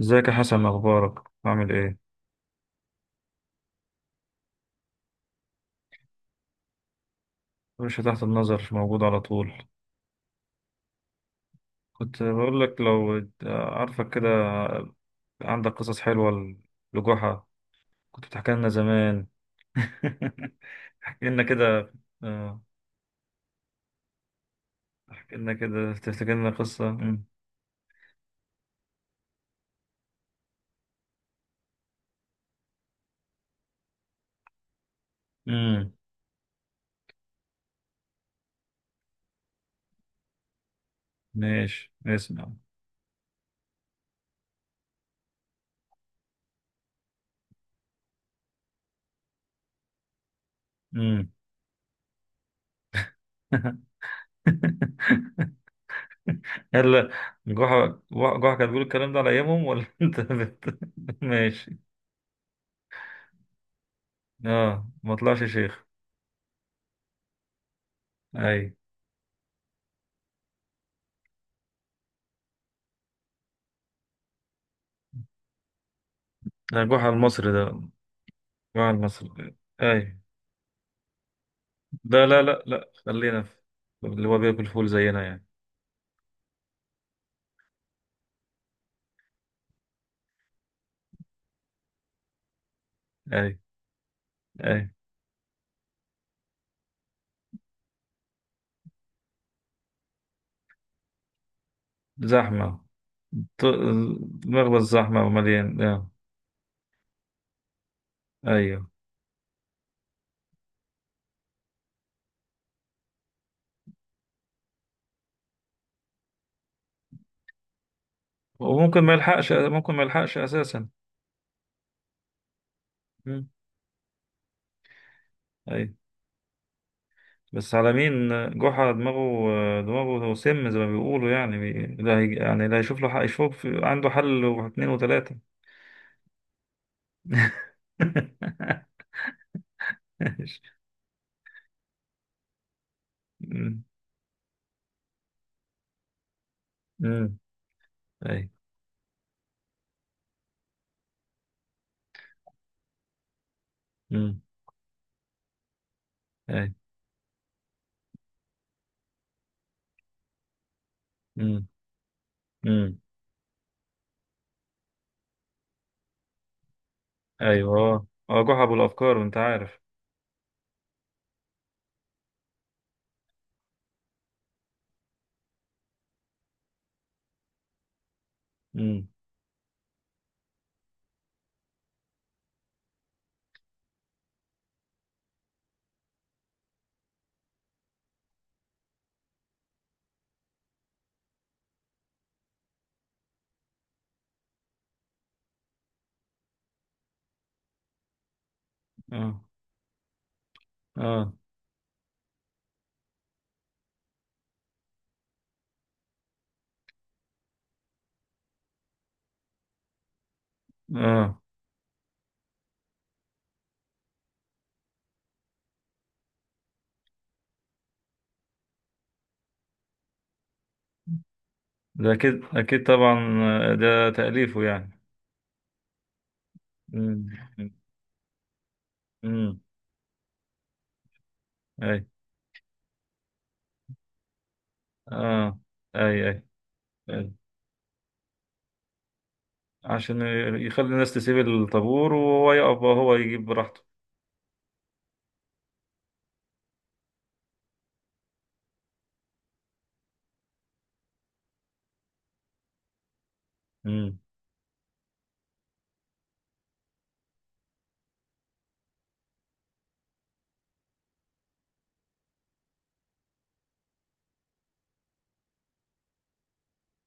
ازيك يا حسن؟ اخبارك، عامل ايه؟ مش تحت النظر، مش موجود على طول. كنت بقول لك، لو عارفك كده، عندك قصص حلوه لجحا كنت بتحكي لنا زمان. احكي لنا كده. اه، احكي لنا كده، تفتكر لنا قصه. امم ماشي اسمع. امم هلا. جحا كانت بتقول الكلام ده على ايامهم، ولا انت ماشي. اه، ما طلعش شيخ. اي. ده جحا المصري ده، مع المصري. اي. ده، لا لا لا، خلينا في اللي هو بياكل فول زينا يعني. اي، اي. زحمة. ط- مخبز زحمة ومليان آه. ايوه، وممكن ما يلحقش، ممكن ما يلحقش اساسا. مم. اي، بس على مين؟ جحا، دماغه سم زي ما بيقولوا يعني، لا هي... يعني لا يشوف له حق، يشوف عنده حل واثنين وثلاثة. مم. مم. اي. مم. اي. مم. مم. ايوه، اه اه، جحا بالافكار، انت عارف. امم اه اه اه، ده اكيد اكيد طبعا. آه، ده تأليفه يعني. امم امم اي، اه، اي اي اي، عشان يخلي الناس تسيب الطابور وهو يقف، هو يجيب براحته. امم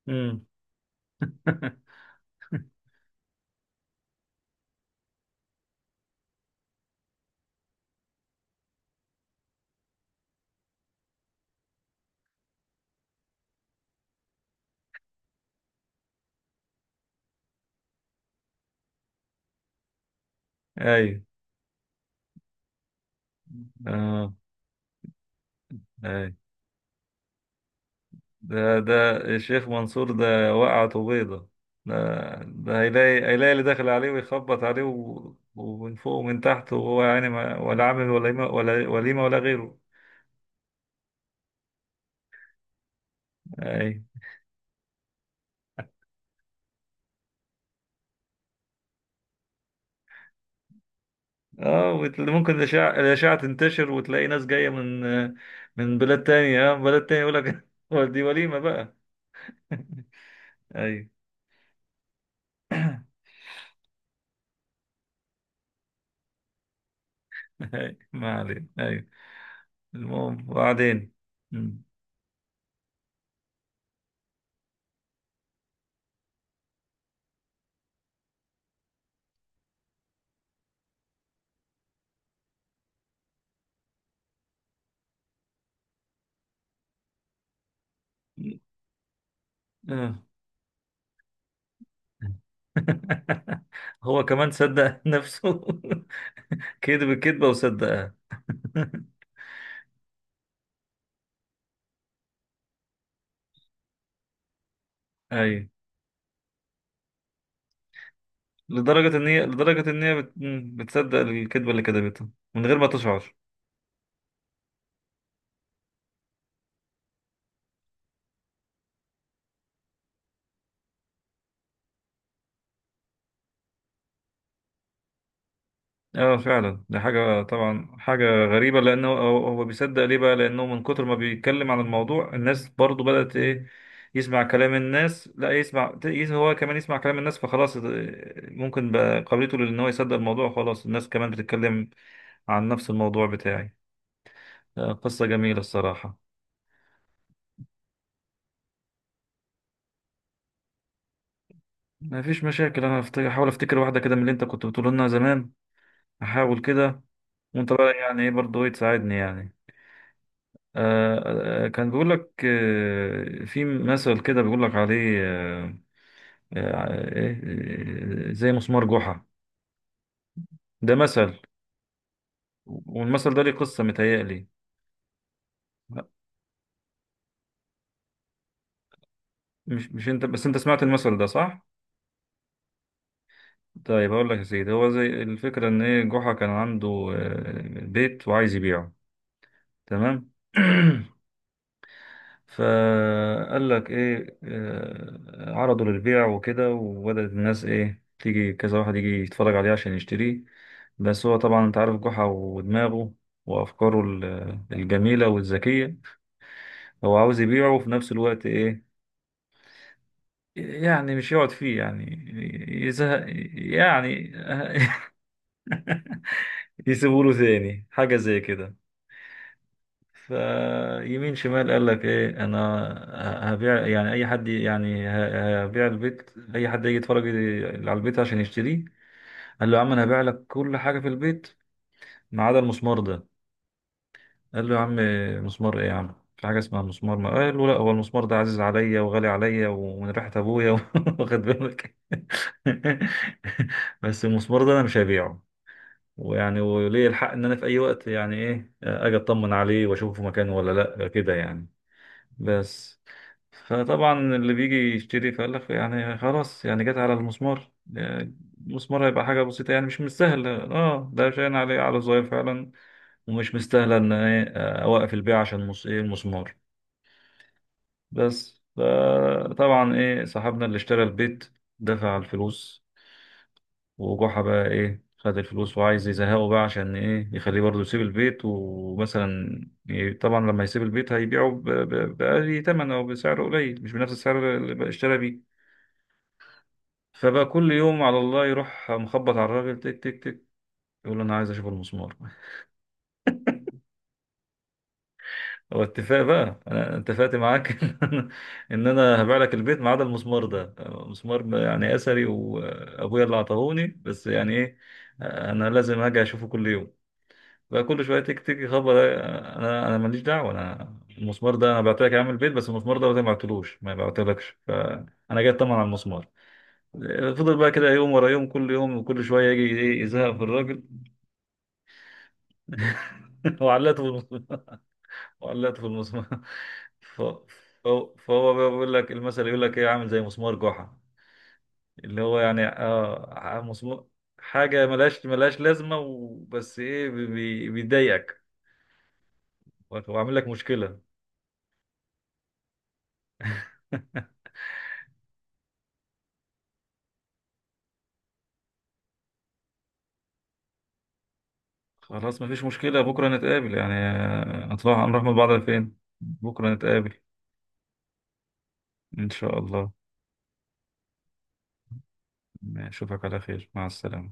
امم اي، اه، اي. ده الشيخ منصور ده وقعته بيضة. ده ده، هيلاقي اللي داخل عليه ويخبط عليه ومن فوق ومن تحت، وهو يعني ما، ولا عامل ولا وليمة، ولا وليمة ولا غيره. أي، اه. ممكن الأشعة تنتشر وتلاقي ناس جاية من بلاد تانية، اه، بلاد تانية يقول لك، هو دي وليمة بقى! أيوه، أيوه ما علينا، أيوه. المهم، وبعدين؟ مم. آه. هو كمان صدق نفسه، كذب الكذبة وصدقها. أيوة. لدرجة إن هي بتصدق الكذبة اللي كذبتها من غير ما تشعر. اه، فعلا دي حاجة، طبعا حاجة غريبة. لأنه هو بيصدق، ليه بقى؟ لأنه من كتر ما بيتكلم عن الموضوع، الناس برضو بدأت إيه؟ يسمع كلام الناس، لا يسمع، هو كمان يسمع كلام الناس، فخلاص، اه، ممكن بقى قابلته. لأن هو يصدق الموضوع خلاص، الناس كمان بتتكلم عن نفس الموضوع بتاعي. اه، قصة جميلة الصراحة. ما فيش مشاكل، انا هحاول افتكر واحده كده من اللي انت كنت بتقول لنا زمان. هحاول كده. وانت بقى يعني ايه، برضه ايه، تساعدني يعني. آه آه، كان بيقول لك آه، في مثل كده بيقول لك عليه آه آه آه، إيه، آه، زي مسمار جحا. ده مثل. والمثل ده ليه قصه، متهيألي. مش انت بس، انت سمعت المثل ده صح؟ طيب هقول لك يا سيدي. هو زي الفكره ان ايه، جحا كان عنده آه، بيت وعايز يبيعه. تمام. فقال لك ايه، آه، عرضه للبيع وكده، وبدأت الناس ايه، تيجي كذا واحد يجي يتفرج عليه عشان يشتريه. بس هو طبعا انت عارف جحا ودماغه وافكاره الجميلة والذكية. هو عاوز يبيعه، وفي نفس الوقت ايه، يعني مش يقعد فيه يعني، يزهق يعني. يسيبوله له تاني حاجة زي كده. فيمين شمال، قال لك ايه، انا هبيع يعني. اي حد يعني هبيع البيت، اي حد يجي يتفرج على البيت عشان يشتريه. قال له يا عم، انا هبيع لك كل حاجه في البيت ما عدا المسمار ده. قال له، يا عم مسمار ايه يا عم، في حاجه اسمها مسمار؟ ما قال له، لا، هو المسمار ده عزيز عليا وغالي عليا، ومن ريحه ابويا. واخد بالك؟ بس المسمار ده انا مش هبيعه، ويعني، وليه الحق ان انا في اي وقت يعني ايه اجي اطمن عليه واشوفه في مكانه ولا لا، كده يعني. بس فطبعا اللي بيجي يشتري، فقال لك يعني خلاص، يعني جت على المسمار يعني، المسمار هيبقى حاجة بسيطة يعني، مش مستاهلة، اه، ده شاين عليه على صغير فعلا، ومش مستاهلة ان ايه، آه، اوقف البيع عشان ايه، المسمار. بس فطبعا ايه، صاحبنا اللي اشترى البيت دفع الفلوس، وجحا بقى ايه، خد الفلوس وعايز يزهقه بقى، عشان ايه، يخليه برضه يسيب البيت. ومثلا طبعا لما يسيب البيت هيبيعه بأقل تمن او بسعر قليل، مش بنفس السعر اللي بقى اشترى بيه. فبقى كل يوم على الله يروح مخبط على الراجل، تك تك تك، يقول له انا عايز اشوف المسمار. هو اتفاق بقى، انا اتفقت معاك ان انا هبيع لك البيت ما عدا المسمار ده. مسمار يعني اثري، وابويا اللي عطاهوني، بس يعني ايه، انا لازم هاجي اشوفه كل يوم. بقى كل شويه تك تك، يخبط، انا ماليش دعوه. انا المسمار ده، انا بعت لك يا عم البيت، بس المسمار ده ما بعتلكش، فانا جاي اطمن على المسمار. فضل بقى كده يوم ورا يوم، كل يوم وكل شويه يجي ايه، يزهق في الراجل. وعلقته في المسمار، وعلقته في المسمار. ف... فهو بقى بيقول لك المثل، يقول لك ايه، عامل زي مسمار جحا. اللي هو يعني اه، مسمار، حاجه ملهاش لازمه، وبس ايه، بيضايقك وعامل لك مشكله. خلاص، مفيش مشكلة، بكرة نتقابل يعني. آه، نطلع نروح مع بعض، فين بكرة نتقابل؟ إن شاء الله، أشوفك على خير، مع السلامة.